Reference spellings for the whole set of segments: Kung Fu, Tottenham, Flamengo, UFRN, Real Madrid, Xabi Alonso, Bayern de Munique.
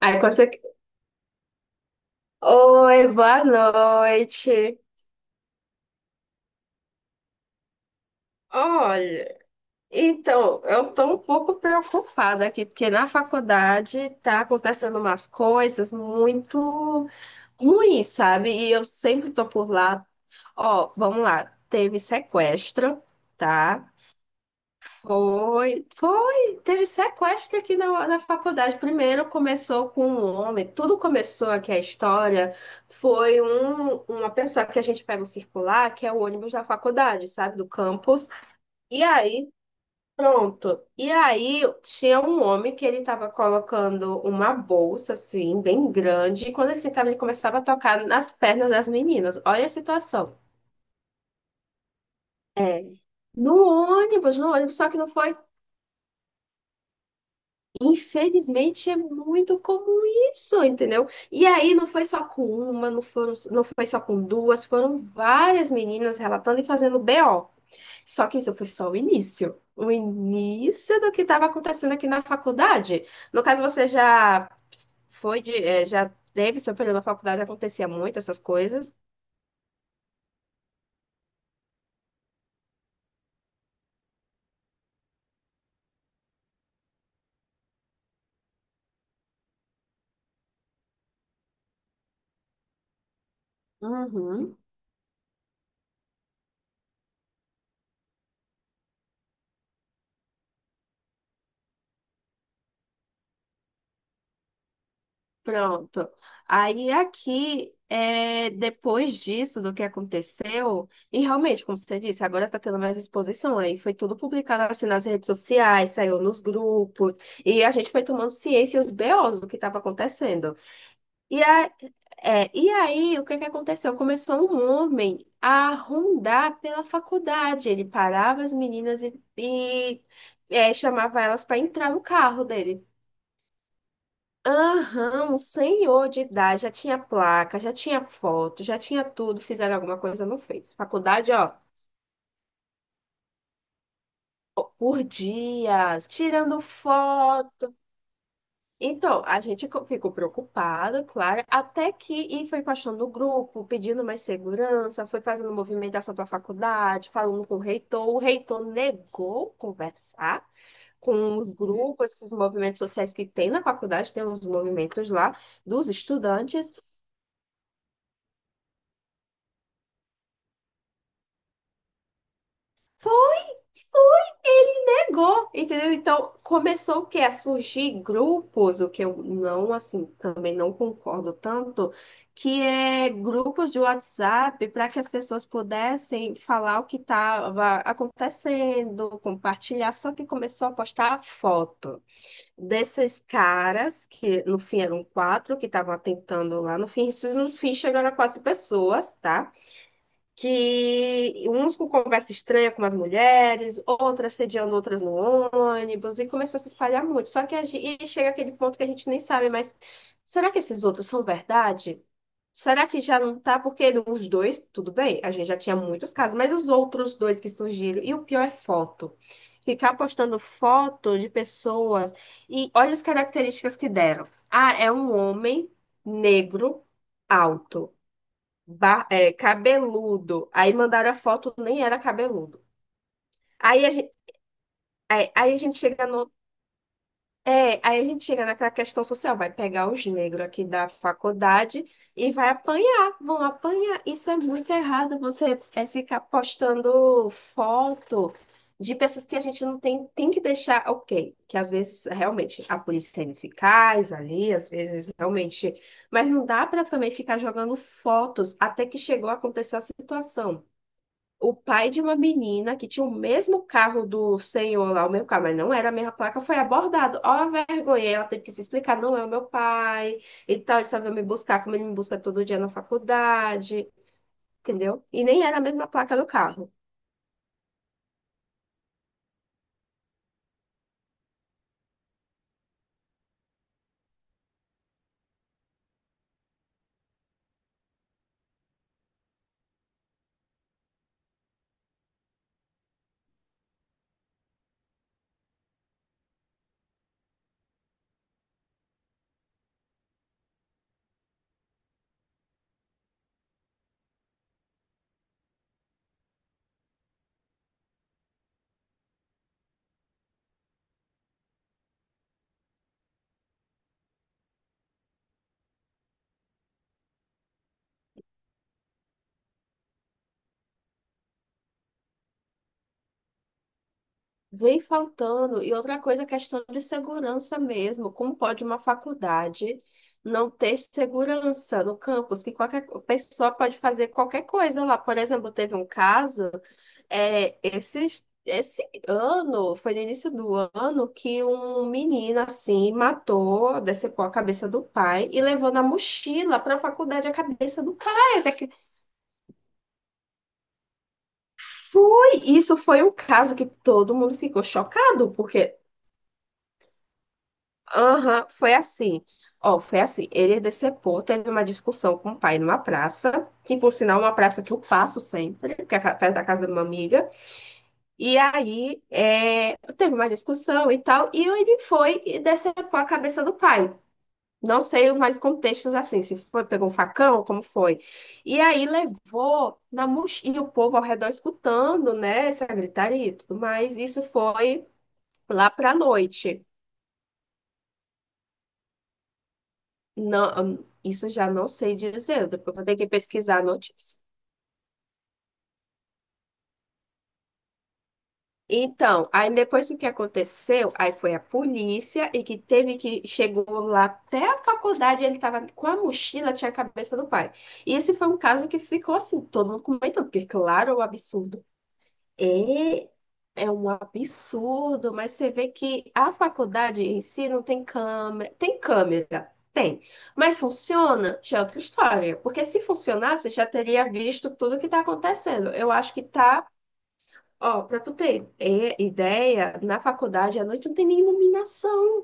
Aí consegue. Oi, boa noite. Olha, então, eu estou um pouco preocupada aqui, porque na faculdade está acontecendo umas coisas muito ruins, sabe? E eu sempre estou por lá. Ó, vamos lá, teve sequestro, tá? Foi, foi. Teve sequestro aqui na faculdade. Primeiro começou com um homem. Tudo começou aqui, a história. Foi uma pessoa que a gente pega o circular, que é o ônibus da faculdade, sabe, do campus. E aí, pronto. E aí tinha um homem que ele estava colocando uma bolsa, assim, bem grande. E quando ele sentava, ele começava a tocar nas pernas das meninas. Olha a situação. É. No ônibus, só que não foi. Infelizmente é muito comum isso, entendeu? E aí não foi só com uma, não foi só com duas, foram várias meninas relatando e fazendo BO. Só que isso foi só o início. O início do que estava acontecendo aqui na faculdade. No caso, você já já teve seu período na faculdade, acontecia muito essas coisas. Uhum. Pronto. Aí aqui, depois disso, do que aconteceu, e realmente, como você disse, agora está tendo mais exposição. Aí foi tudo publicado assim nas redes sociais, saiu nos grupos, e a gente foi tomando ciência e os BOs do que estava acontecendo. E, a, e aí, o que que aconteceu? Começou um homem a rondar pela faculdade. Ele parava as meninas e chamava elas para entrar no carro dele. Aham, um senhor de idade, já tinha placa, já tinha foto, já tinha tudo, fizeram alguma coisa, não fez. Faculdade, ó, por dias, tirando foto. Então, a gente ficou preocupada, claro, até que e foi baixando o grupo, pedindo mais segurança, foi fazendo movimentação para a faculdade, falando com o reitor. O reitor negou conversar com os grupos, esses movimentos sociais que tem na faculdade, tem uns movimentos lá dos estudantes. Ele negou, entendeu? Então começou o quê? A surgir grupos, o que eu não, assim, também não concordo tanto, que é grupos de WhatsApp para que as pessoas pudessem falar o que estava acontecendo, compartilhar, só que começou a postar foto desses caras, que no fim eram quatro, que estavam atentando lá, no fim, isso no fim chegaram a quatro pessoas, tá? Que uns com conversa estranha com as mulheres, outras sediando outras no ônibus, e começou a se espalhar muito. Só que a gente, e chega aquele ponto que a gente nem sabe, mas será que esses outros são verdade? Será que já não tá? Porque os dois, tudo bem, a gente já tinha muitos casos, mas os outros dois que surgiram, e o pior é foto. Ficar postando foto de pessoas e olha as características que deram. Ah, é um homem negro alto, cabeludo. Aí mandaram a foto, nem era cabeludo. Aí a gente, aí a gente chega no, é, aí a gente chega naquela questão social, vai pegar os negros aqui da faculdade e vai apanhar, vão apanhar. Isso é muito errado, você é ficar postando foto de pessoas que a gente não tem, tem que deixar, ok, que às vezes realmente a polícia é ineficaz ali, às vezes realmente, mas não dá para também ficar jogando fotos até que chegou a acontecer a situação. O pai de uma menina que tinha o mesmo carro do senhor lá, o mesmo carro, mas não era a mesma placa, foi abordado. Ó, a vergonha, ela teve que se explicar, não é o meu pai, e tal, ele só veio me buscar, como ele me busca todo dia na faculdade, entendeu? E nem era a mesma placa do carro. Vem faltando. E outra coisa, a questão de segurança mesmo. Como pode uma faculdade não ter segurança no campus? Que qualquer pessoa pode fazer qualquer coisa lá. Por exemplo, teve um caso, é, esse esse ano, foi no início do ano, que um menino, assim, matou, decepou a cabeça do pai e levou na mochila para a faculdade a cabeça do pai. Até que foi, isso foi um caso que todo mundo ficou chocado, porque... Aham, foi assim. Ó, foi assim. Ele decepou, teve uma discussão com o pai numa praça, que por sinal é uma praça que eu passo sempre, que é perto da casa de uma amiga. E aí teve uma discussão e tal, e ele foi e decepou a cabeça do pai. Não sei mais contextos assim, se foi, pegou um facão, como foi. E aí levou na mochila, e o povo ao redor escutando, né, essa gritaria e tudo mais. Isso foi lá pra noite. Não, isso eu já não sei dizer, depois vou ter que pesquisar a notícia. Então, aí depois o que aconteceu, aí foi a polícia e que teve que chegou lá até a faculdade, ele estava com a mochila, tinha a cabeça do pai. E esse foi um caso que ficou assim, todo mundo comentando, porque claro, é um absurdo. É, é um absurdo, mas você vê que a faculdade em si não tem câmera. Tem câmera, tem. Mas funciona? Já é outra história. Porque se funcionasse, já teria visto tudo que está acontecendo. Eu acho que tá, ó, para tu ter ideia, na faculdade à noite não tem nem iluminação.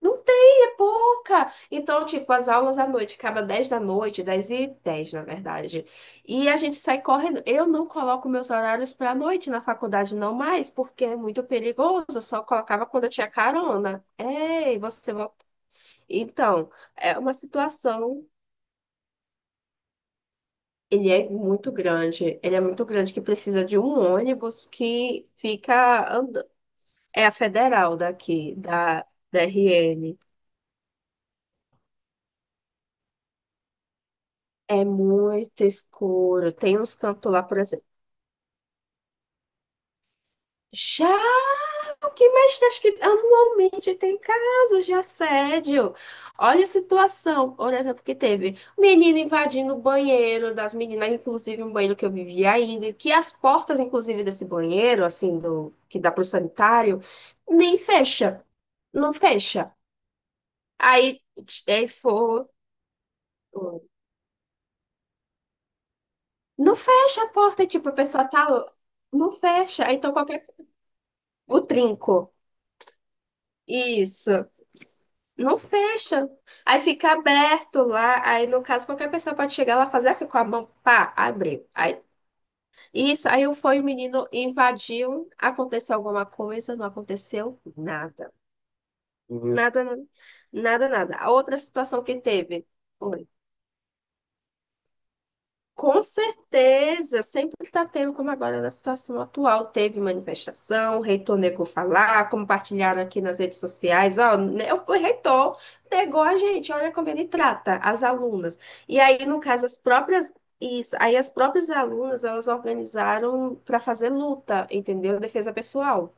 Não tem, é pouca. Então, tipo, as aulas à noite acaba 10 da noite, 10 e 10 na verdade. E a gente sai correndo. Eu não coloco meus horários para a noite na faculdade, não mais, porque é muito perigoso. Eu só colocava quando eu tinha carona. Ei, você volta. Então, é uma situação. Ele é muito grande. Ele é muito grande que precisa de um ônibus que fica andando. É a federal daqui, da, RN. É muito escuro. Tem uns cantos lá, por exemplo. Já o que mexe, acho que anualmente tem casos de assédio. Olha a situação, por exemplo, que teve menina invadindo o banheiro das meninas, inclusive um banheiro que eu vivia ainda, que as portas, inclusive, desse banheiro, assim, do que dá pro sanitário, nem fecha, não fecha. Aí, aí, não fecha a porta, tipo, a pessoa tá, não fecha. Aí, então, qualquer, o trinco. Isso. Não fecha. Aí fica aberto lá. Aí, no caso, qualquer pessoa pode chegar lá, fazer assim com a mão, pá, abriu. Aí, isso. Aí foi o menino, invadiu. Aconteceu alguma coisa? Não aconteceu nada. Nada, nada, nada. A outra situação que teve. Com certeza, sempre está tendo, como agora na situação atual, teve manifestação, o reitor negou falar, compartilharam aqui nas redes sociais, ó, né, o reitor negou a gente, olha como ele trata as alunas. E aí, no caso, isso, aí as próprias alunas, elas organizaram para fazer luta, entendeu? Defesa pessoal.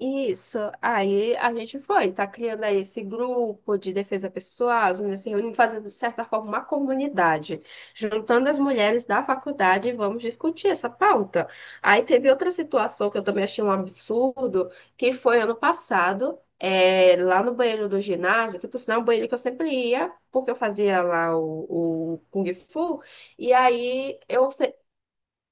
Isso, aí a gente foi, tá criando aí esse grupo de defesa pessoal, as meninas se reunindo, fazendo de certa forma uma comunidade, juntando as mulheres da faculdade e vamos discutir essa pauta. Aí teve outra situação que eu também achei um absurdo, que foi ano passado, lá no banheiro do ginásio, que por sinal é um banheiro que eu sempre ia, porque eu fazia lá o Kung Fu, e aí eu,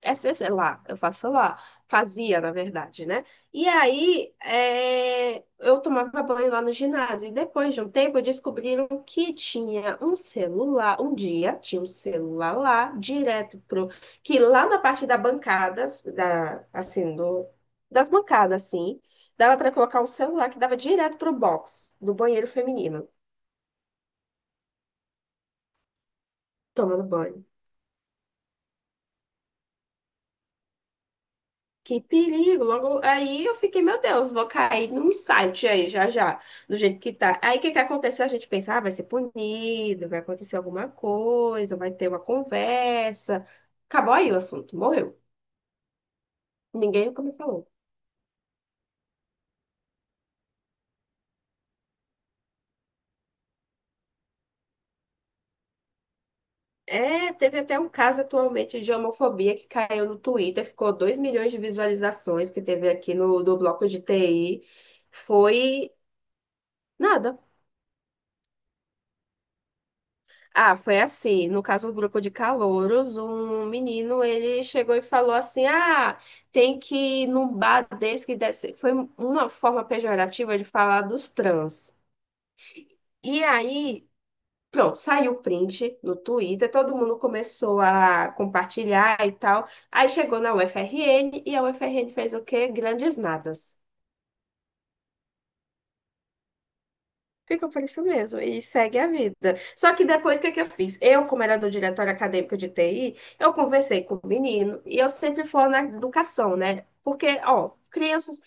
sei lá, eu faço lá. Fazia, na verdade, né? E aí, eu tomava banho lá no ginásio. E depois de um tempo, descobriram que tinha um celular. Um dia, tinha um celular lá, direto pro... Que lá na parte da bancada, da, assim, do, das bancadas, assim, dava para colocar um celular que dava direto pro box do banheiro feminino, tomando banho. Que perigo! Logo aí eu fiquei, meu Deus, vou cair num site aí já já, do jeito que tá. Aí o que que aconteceu? A gente pensa, ah, vai ser punido, vai acontecer alguma coisa, vai ter uma conversa. Acabou aí o assunto, morreu. Ninguém nunca me falou. É, teve até um caso atualmente de homofobia que caiu no Twitter, ficou 2 milhões de visualizações que teve aqui no do bloco de TI. Foi nada. Ah, foi assim. No caso do grupo de calouros, um menino ele chegou e falou assim: Ah, tem que ir num bar desse que deve ser. Foi uma forma pejorativa de falar dos trans. E aí, pronto, saiu o print no Twitter, todo mundo começou a compartilhar e tal. Aí chegou na UFRN e a UFRN fez o quê? Grandes nadas. Ficou por isso mesmo e segue a vida. Só que depois, o que é que eu fiz? Eu, como era do diretório acadêmico de TI, eu conversei com o menino e eu sempre falo na educação, né? Porque, ó, crianças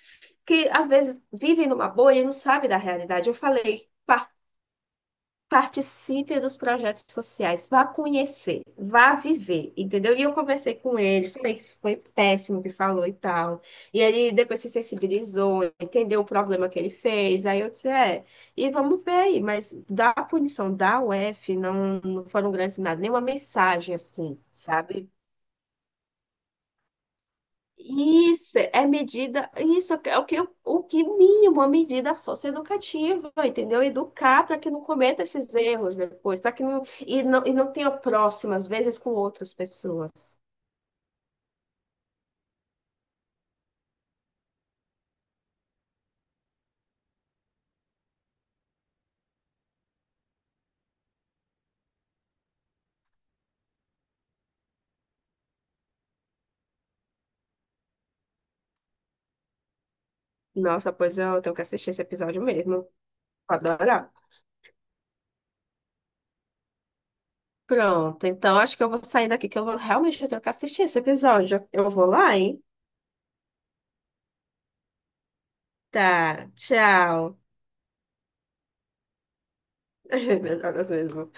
que às vezes vivem numa bolha e não sabem da realidade. Eu falei. Participe dos projetos sociais, vá conhecer, vá viver, entendeu? E eu conversei com ele, falei que isso foi péssimo que falou e tal. E ele depois se sensibilizou, entendeu o problema que ele fez. Aí eu disse, e vamos ver aí, mas da punição da UF não, não foram grandes nada, nenhuma mensagem assim, sabe? Isso é medida, isso é o que, o que mínimo, a medida socioeducativa, entendeu? Educar para que não cometa esses erros depois, para que não tenha próximas, às vezes, com outras pessoas. Nossa, pois eu tenho que assistir esse episódio mesmo. Vou adorar. Pronto, então acho que eu vou sair daqui, que eu vou realmente eu tenho que assistir esse episódio. Eu vou lá, hein? Tá, tchau. Meu Deus mesmo.